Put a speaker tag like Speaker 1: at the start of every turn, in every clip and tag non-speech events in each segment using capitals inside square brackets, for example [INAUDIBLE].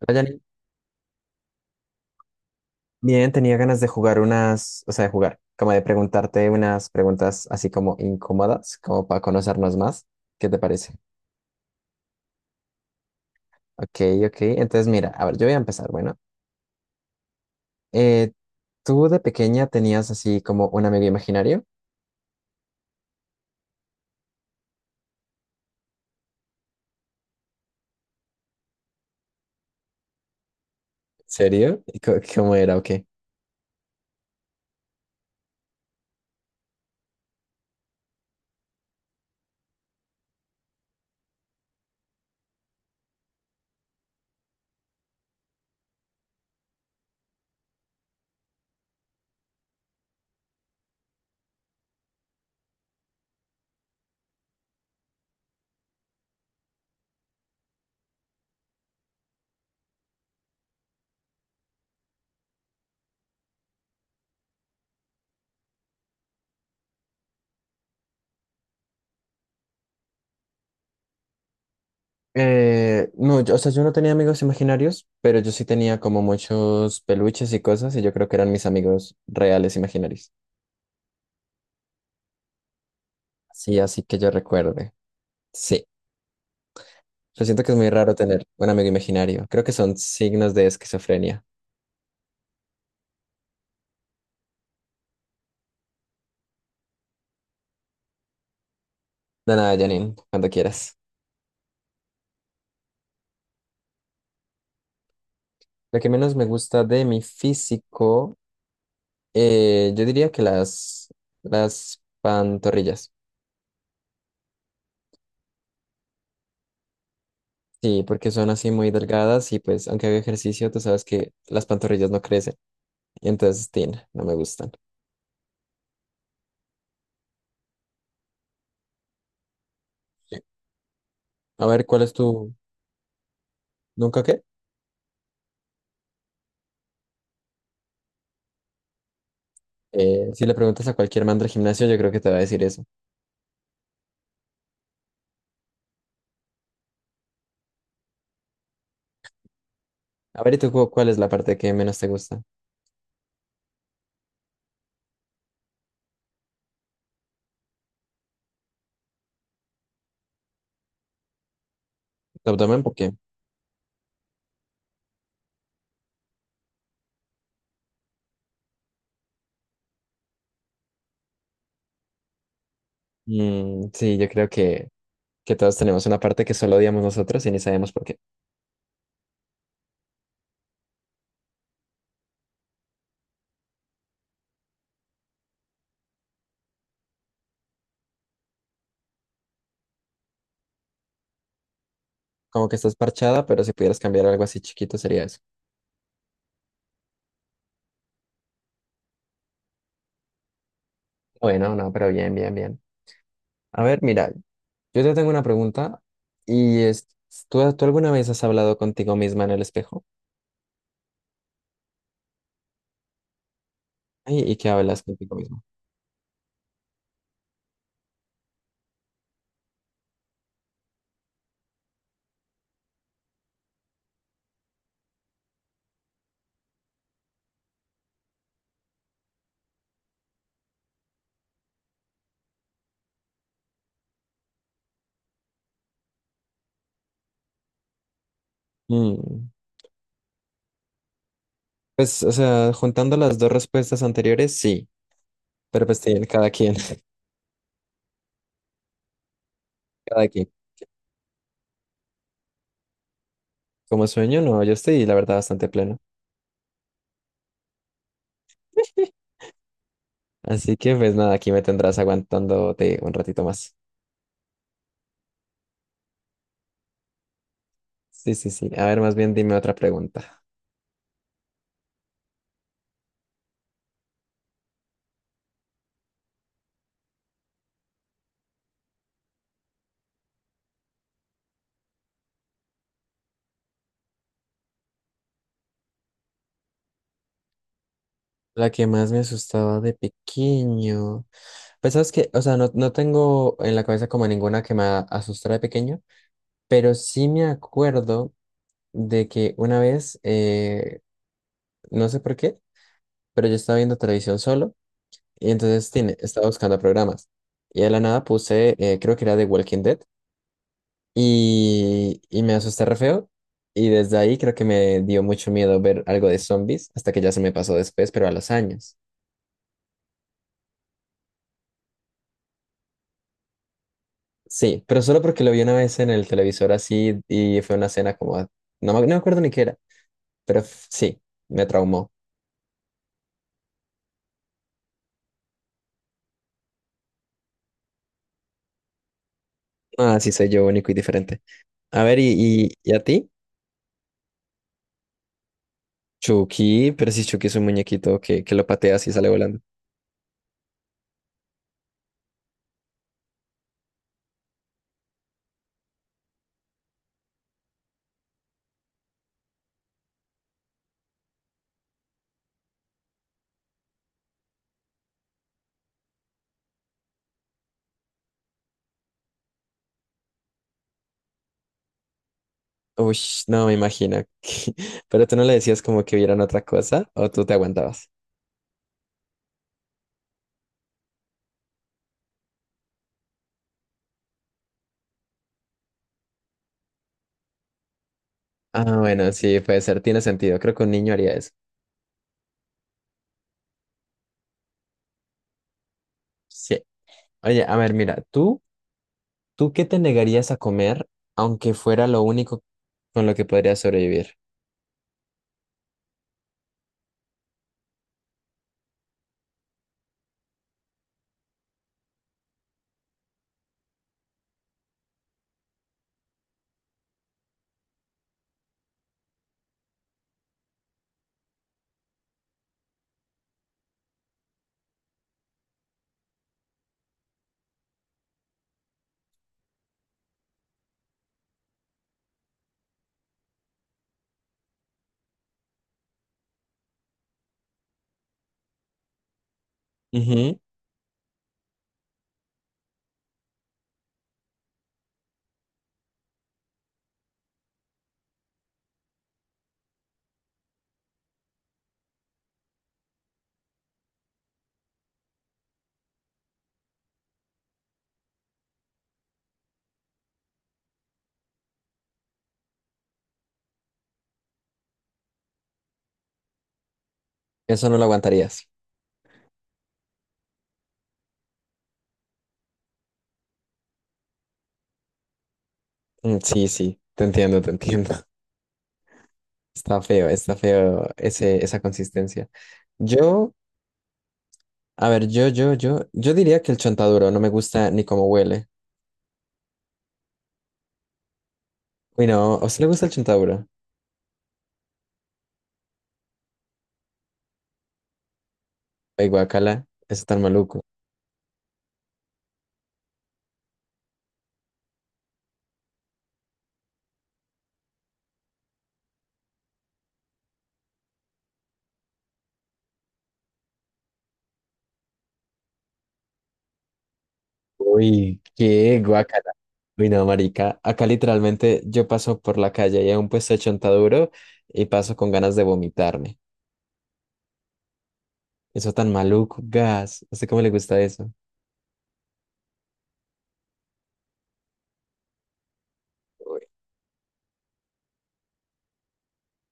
Speaker 1: Hola, Janine. Bien, tenía ganas de jugar unas, o sea, de jugar, como de preguntarte unas preguntas así como incómodas, como para conocernos más. ¿Qué te parece? Ok, ok. Entonces, mira, a ver, yo voy a empezar. Bueno, eh, ¿tú de pequeña tenías así como un amigo imaginario? ¿Serio? ¿Y Cómo era o qué? No, yo, o sea, yo no tenía amigos imaginarios, pero yo sí tenía como muchos peluches y cosas, y yo creo que eran mis amigos reales imaginarios. Sí, así que yo recuerde. Sí. Yo siento que es muy raro tener un amigo imaginario. Creo que son signos de esquizofrenia. De nada, Janine, cuando quieras. Lo que menos me gusta de mi físico, yo diría que las pantorrillas. Sí, porque son así muy delgadas y pues aunque haga ejercicio, tú sabes que las pantorrillas no crecen. Y entonces, tin, no me gustan. Sí. A ver, ¿cuál es tu... ¿Nunca qué? Si le preguntas a cualquier man del gimnasio, yo creo que te va a decir eso. A ver, ¿y tú cuál es la parte que menos te gusta? ¿Tu abdomen? ¿Por qué? Mm, sí, yo creo que todos tenemos una parte que solo odiamos nosotros y ni sabemos por qué. Como que estás parchada, pero si pudieras cambiar algo así chiquito sería eso. Bueno, no, no, pero bien, bien, bien. A ver, mira, yo te tengo una pregunta y es, tú alguna vez has hablado contigo misma en el espejo? Ay, ¿y qué hablas contigo misma? Mm. Pues, o sea, juntando las dos respuestas anteriores, sí, pero pues sí, cada quien, [LAUGHS] cada quien. Como sueño, no, yo estoy, la verdad, bastante pleno. [LAUGHS] Así que pues nada, aquí me tendrás aguantándote un ratito más. Sí, sí, sí. A ver, más bien dime otra pregunta. La que más me asustaba de pequeño. Pues sabes que, o sea, no, no tengo en la cabeza como ninguna que me asustara de pequeño, pero sí me acuerdo de que una vez, no sé por qué, pero yo estaba viendo televisión solo y entonces tiene, estaba buscando programas. Y de la nada puse, creo que era de Walking Dead, y me asusté re feo. Y desde ahí creo que me dio mucho miedo ver algo de zombies, hasta que ya se me pasó después, pero a los años. Sí, pero solo porque lo vi una vez en el televisor así y fue una escena como... no me acuerdo ni qué era, pero sí, me traumó. Ah, sí, soy yo único y diferente. A ver, ¿ y a ti? Chucky, pero si Chucky es un muñequito que lo pateas y sale volando. Uy, no me imagino. [LAUGHS] Pero tú no le decías como que vieran otra cosa o tú te aguantabas. Ah, bueno, sí, puede ser, tiene sentido. Creo que un niño haría eso. Sí. Oye, a ver, mira, ¿ tú qué te negarías a comer aunque fuera lo único con lo que podrías sobrevivir? Ujú. Eso no lo aguantarías. Mm, sí, sí, te entiendo, te entiendo. [LAUGHS] Está feo esa consistencia. Yo, a ver, yo diría que el chontaduro no me gusta ni cómo huele. Uy, no, ¿a usted le gusta el chontaduro? Uy, guacala, eso tan maluco. Uy, qué guacala. Uy, no, marica. Acá literalmente yo paso por la calle y hay un puesto de chontaduro y paso con ganas de vomitarme. Eso tan maluco, gas. ¿A usted cómo le gusta eso?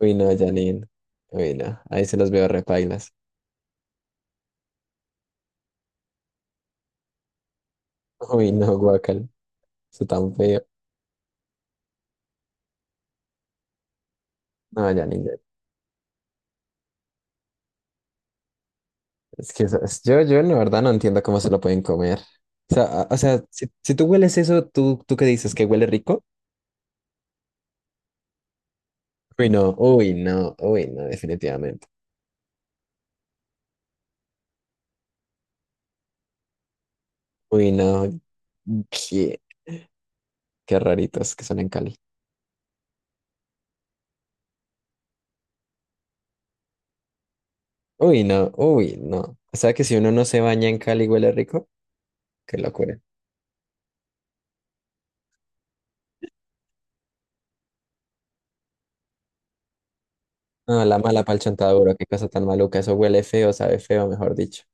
Speaker 1: Uy, no, Janine. Uy, no. Ahí se los veo repailas. [LAUGHS] Uy, no, guacal. Eso tan feo. No, Janine. Es que yo, yo en verdad no entiendo cómo se lo pueden comer. O sea, o sea, si tú hueles eso, ¿ tú qué dices? ¿Que huele rico? Uy, no, uy, no, uy, no, definitivamente. Uy, no, qué, qué raritos que son en Cali. Uy, no, uy, no. O sea que si uno no se baña en Cali, huele rico, qué locura. No, la mala pa'l chontaduro, qué cosa tan maluca. Eso huele feo, sabe feo, mejor dicho.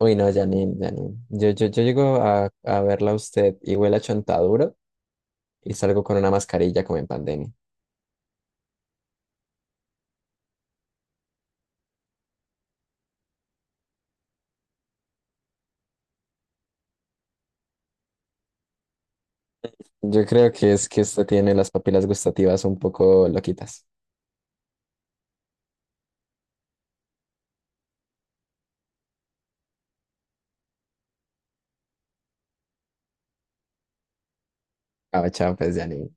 Speaker 1: Uy, no, Janine, Janine. Yo llego a verla a usted y huele a chontaduro y salgo con una mascarilla como en pandemia. Yo creo que es que usted tiene las papilas gustativas un poco loquitas. Ah, chao, pues, Janine.